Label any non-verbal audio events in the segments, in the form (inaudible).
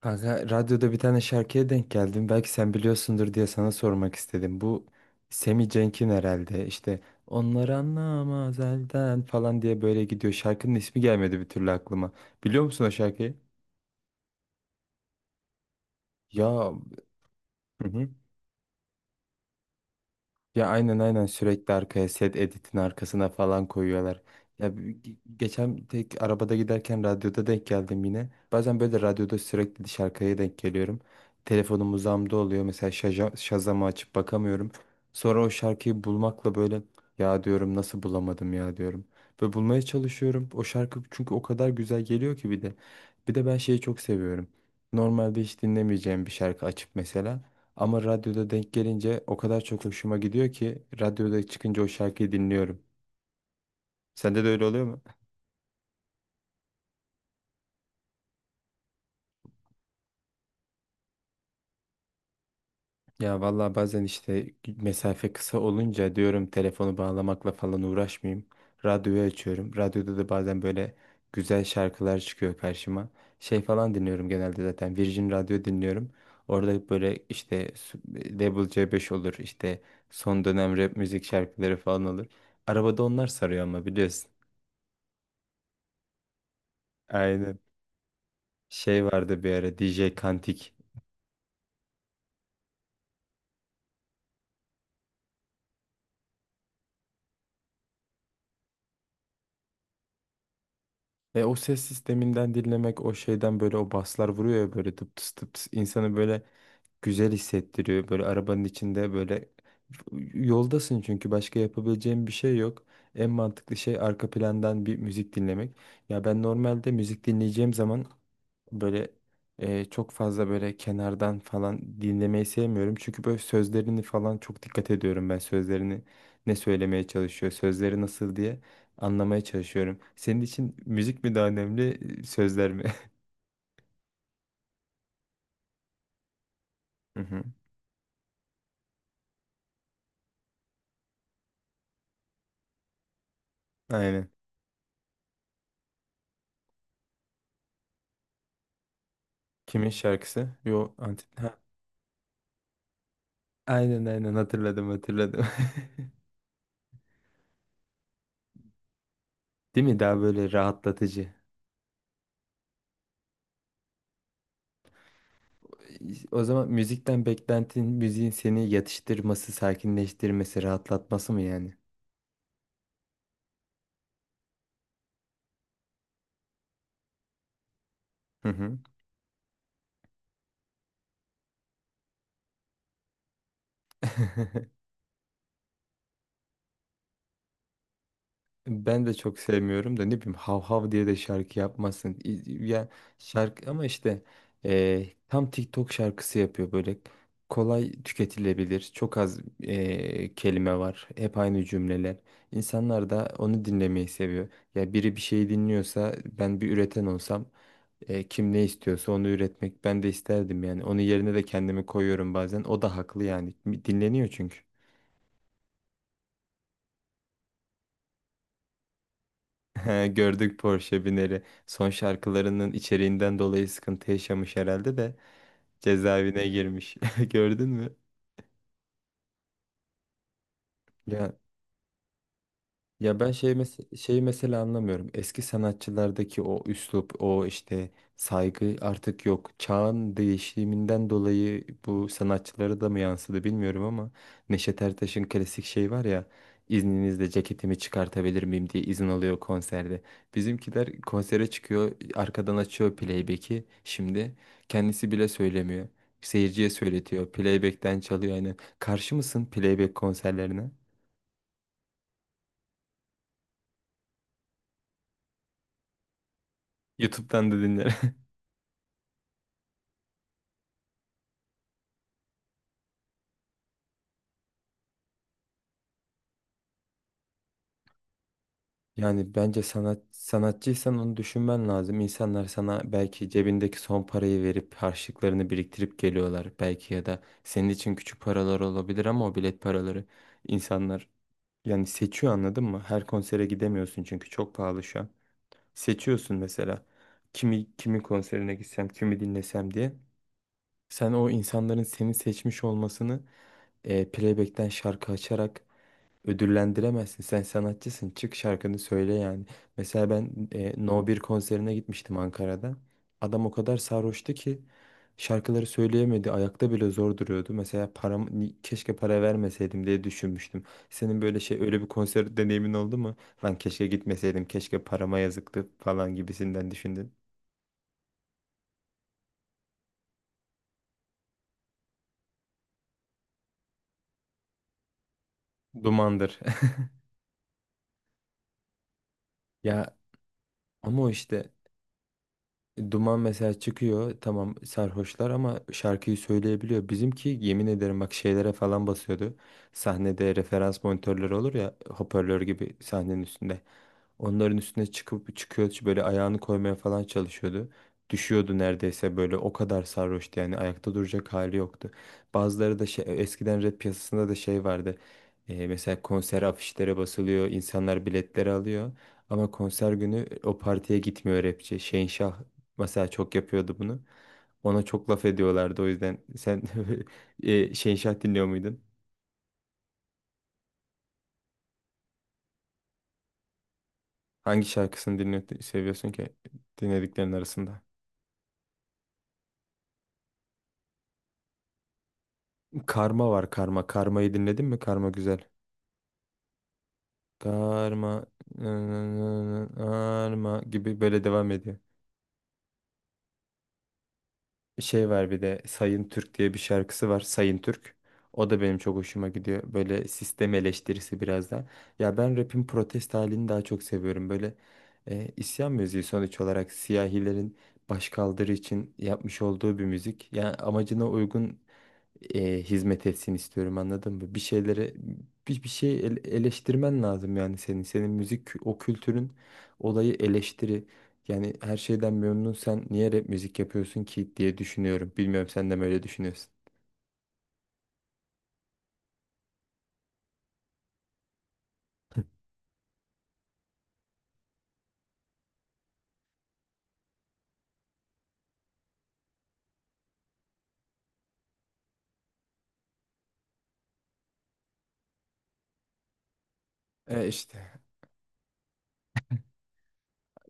Kanka radyoda bir tane şarkıya denk geldim. Belki sen biliyorsundur diye sana sormak istedim. Bu Semi Cenk'in herhalde işte onlar anlamaz elden falan diye böyle gidiyor. Şarkının ismi gelmedi bir türlü aklıma. Biliyor musun o şarkıyı? Ya. Hı hı. Ya aynen aynen sürekli arkaya set editin arkasına falan koyuyorlar. Ya geçen tek arabada giderken radyoda denk geldim yine. Bazen böyle radyoda sürekli dış arkaya denk geliyorum. Telefonum uzağımda oluyor. Mesela Shazam'ı açıp bakamıyorum. Sonra o şarkıyı bulmakla böyle ya diyorum nasıl bulamadım ya diyorum. Böyle bulmaya çalışıyorum. O şarkı çünkü o kadar güzel geliyor ki bir de. Bir de ben şeyi çok seviyorum. Normalde hiç dinlemeyeceğim bir şarkı açıp mesela. Ama radyoda denk gelince o kadar çok hoşuma gidiyor ki radyoda çıkınca o şarkıyı dinliyorum. Sende de öyle oluyor mu? Ya vallahi bazen işte mesafe kısa olunca diyorum telefonu bağlamakla falan uğraşmayayım. Radyoyu açıyorum. Radyoda da bazen böyle güzel şarkılar çıkıyor karşıma. Şey falan dinliyorum, genelde zaten Virgin Radyo dinliyorum. Orada böyle işte Level C5 olur işte son dönem rap müzik şarkıları falan olur. Arabada onlar sarıyor ama biliyorsun. Aynen. Şey vardı bir ara DJ Kantik. E, o ses sisteminden dinlemek, o şeyden böyle o baslar vuruyor ya böyle tıp tıs tıp tıs insanı böyle güzel hissettiriyor. Böyle arabanın içinde böyle yoldasın çünkü başka yapabileceğin bir şey yok. En mantıklı şey arka plandan bir müzik dinlemek. Ya ben normalde müzik dinleyeceğim zaman böyle çok fazla böyle kenardan falan dinlemeyi sevmiyorum. Çünkü böyle sözlerini falan çok dikkat ediyorum, ben sözlerini ne söylemeye çalışıyor, sözleri nasıl diye anlamaya çalışıyorum. Senin için müzik mi daha önemli, sözler mi? (laughs) Hı hı. Aynen. Kimin şarkısı? Yo, Antin. Aynen aynen, hatırladım hatırladım. (laughs) Değil mi? Daha böyle rahatlatıcı. O zaman müzikten beklentin müziğin seni yatıştırması, sakinleştirmesi, rahatlatması mı yani? Hı hı. (laughs) Ben de çok sevmiyorum da, ne bileyim, hav hav diye de şarkı yapmasın. Ya, şarkı ama işte tam TikTok şarkısı yapıyor, böyle kolay tüketilebilir. Çok az kelime var. Hep aynı cümleler. İnsanlar da onu dinlemeyi seviyor. Ya biri bir şey dinliyorsa, ben bir üreten olsam kim ne istiyorsa onu üretmek ben de isterdim yani. Onun yerine de kendimi koyuyorum bazen. O da haklı yani. Dinleniyor çünkü. (laughs) He, gördük Porsche bineri. Son şarkılarının içeriğinden dolayı sıkıntı yaşamış herhalde de cezaevine girmiş. (laughs) Gördün mü? Ya. Ya ben şey şeyi mesela anlamıyorum. Eski sanatçılardaki o üslup, o işte saygı artık yok. Çağın değişiminden dolayı bu sanatçılara da mı yansıdı bilmiyorum ama Neşet Ertaş'ın klasik şey var ya, izninizle ceketimi çıkartabilir miyim diye izin alıyor konserde. Bizimkiler konsere çıkıyor, arkadan açıyor playback'i. Şimdi kendisi bile söylemiyor. Seyirciye söyletiyor. Playback'ten çalıyor aynen. Karşı mısın playback konserlerine? YouTube'dan da dinlerim. Yani bence sanat, sanatçıysan onu düşünmen lazım. İnsanlar sana belki cebindeki son parayı verip harçlıklarını biriktirip geliyorlar. Belki ya da senin için küçük paralar olabilir ama o bilet paraları, insanlar yani seçiyor, anladın mı? Her konsere gidemiyorsun çünkü çok pahalı şu an. Seçiyorsun mesela kimi, kimin konserine gitsem, kimi dinlesem diye. Sen o insanların seni seçmiş olmasını playback'ten şarkı açarak ödüllendiremezsin. Sen sanatçısın. Çık şarkını söyle yani. Mesela ben No 1 konserine gitmiştim Ankara'da. Adam o kadar sarhoştu ki şarkıları söyleyemedi. Ayakta bile zor duruyordu. Mesela param, keşke para vermeseydim diye düşünmüştüm. Senin böyle şey, öyle bir konser deneyimin oldu mu? Lan keşke gitmeseydim, keşke parama yazıktı falan gibisinden düşündün. Dumandır. (laughs) Ya, ama o işte Duman mesela çıkıyor, tamam sarhoşlar ama şarkıyı söyleyebiliyor. Bizimki yemin ederim bak şeylere falan basıyordu. Sahnede referans monitörleri olur ya, hoparlör gibi sahnenin üstünde. Onların üstüne çıkıp, çıkıyor böyle ayağını koymaya falan çalışıyordu. Düşüyordu neredeyse, böyle o kadar sarhoştu yani, ayakta duracak hali yoktu. Bazıları da şey, eskiden rap piyasasında da şey vardı. Mesela konser afişlere basılıyor, insanlar biletleri alıyor. Ama konser günü o partiye gitmiyor rapçi. Şehinşah mesela çok yapıyordu bunu. Ona çok laf ediyorlardı o yüzden sen (laughs) Şehinşah dinliyor muydun? Hangi şarkısını dinliyor, seviyorsun ki, dinlediklerin arasında? Karma var, karma. Karmayı dinledin mi? Karma güzel. Karma, karma gibi böyle devam ediyor. Şey var bir de, Sayın Türk diye bir şarkısı var. Sayın Türk. O da benim çok hoşuma gidiyor. Böyle sistem eleştirisi biraz da. Ya ben rap'in protest halini daha çok seviyorum. Böyle isyan müziği sonuç olarak siyahilerin başkaldırı için yapmış olduğu bir müzik. Yani amacına uygun hizmet etsin istiyorum, anladın mı? Bir şeylere, bir şey eleştirmen lazım yani senin. Senin müzik o kültürün olayı eleştiri. Yani her şeyden memnun, sen niye rap müzik yapıyorsun ki diye düşünüyorum. Bilmiyorum, sen de mi öyle düşünüyorsun? E işte.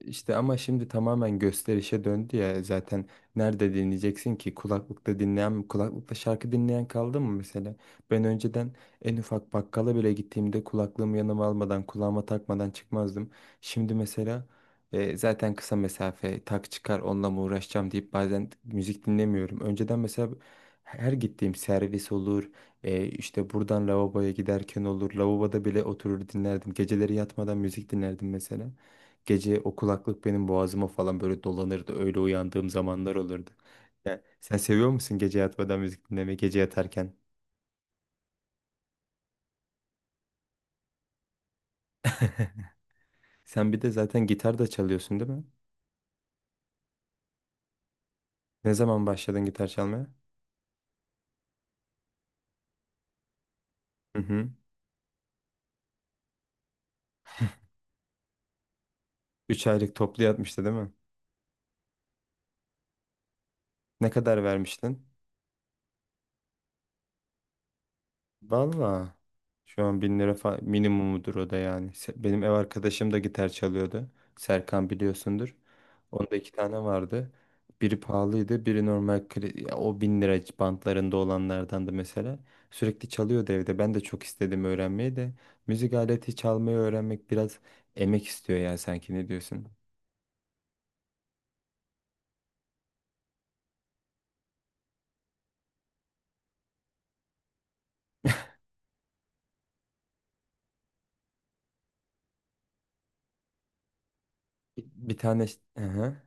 İşte ama şimdi tamamen gösterişe döndü ya zaten, nerede dinleyeceksin ki, kulaklıkta dinleyen mi, kulaklıkta şarkı dinleyen kaldı mı mesela? Ben önceden en ufak bakkala bile gittiğimde kulaklığımı yanıma almadan, kulağıma takmadan çıkmazdım. Şimdi mesela zaten kısa mesafe, tak çıkar onunla mı uğraşacağım deyip bazen müzik dinlemiyorum. Önceden mesela her gittiğim servis olur, işte buradan lavaboya giderken olur, lavaboda bile oturur dinlerdim, geceleri yatmadan müzik dinlerdim mesela. Gece o kulaklık benim boğazıma falan böyle dolanırdı. Öyle uyandığım zamanlar olurdu. Ya, sen seviyor musun gece yatmadan müzik dinlemeyi, gece yatarken? (laughs) Sen bir de zaten gitar da çalıyorsun değil mi? Ne zaman başladın gitar çalmaya? Hı hı. 3 aylık toplu yatmıştı değil mi? Ne kadar vermiştin? Valla. Şu an 1.000 lira minimumudur o da yani. Benim ev arkadaşım da gitar çalıyordu. Serkan biliyorsundur. Onda iki tane vardı. Biri pahalıydı, biri normal ya o 1.000 lira bantlarında olanlardandı mesela. Sürekli çalıyordu evde. Ben de çok istedim öğrenmeyi de. Müzik aleti çalmayı öğrenmek biraz emek istiyor ya, sanki ne diyorsun? Bir tane... Hı hı.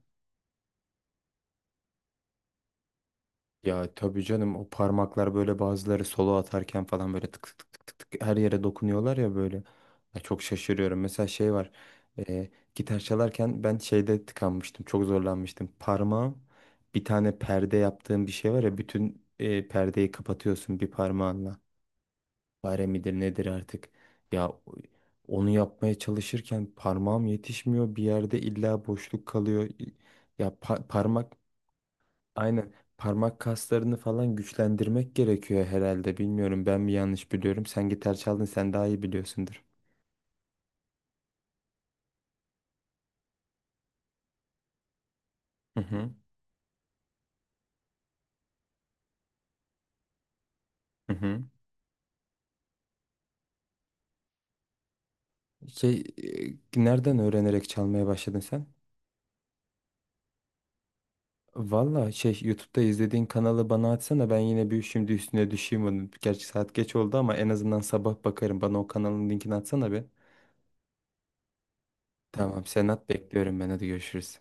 Ya tabii canım, o parmaklar böyle, bazıları solo atarken falan böyle tık tık tık tık tık her yere dokunuyorlar ya böyle. Ya çok şaşırıyorum. Mesela şey var. e, Gitar çalarken ben şeyde tıkanmıştım. Çok zorlanmıştım. Parmağım, bir tane perde yaptığım bir şey var ya, bütün perdeyi kapatıyorsun bir parmağınla. Fare midir nedir artık. Ya onu yapmaya çalışırken parmağım yetişmiyor. Bir yerde illa boşluk kalıyor. Ya parmak. Aynen, parmak kaslarını falan güçlendirmek gerekiyor herhalde. Bilmiyorum, ben mi yanlış biliyorum. Sen gitar çaldın, sen daha iyi biliyorsundur. Hı hı. Hı hı. Şey, nereden öğrenerek çalmaya başladın sen? Valla şey, YouTube'da izlediğin kanalı bana atsana, ben yine bir, şimdi üstüne düşeyim onun. Gerçi saat geç oldu ama en azından sabah bakarım. Bana o kanalın linkini atsana be. Tamam, sen at, bekliyorum ben, hadi görüşürüz.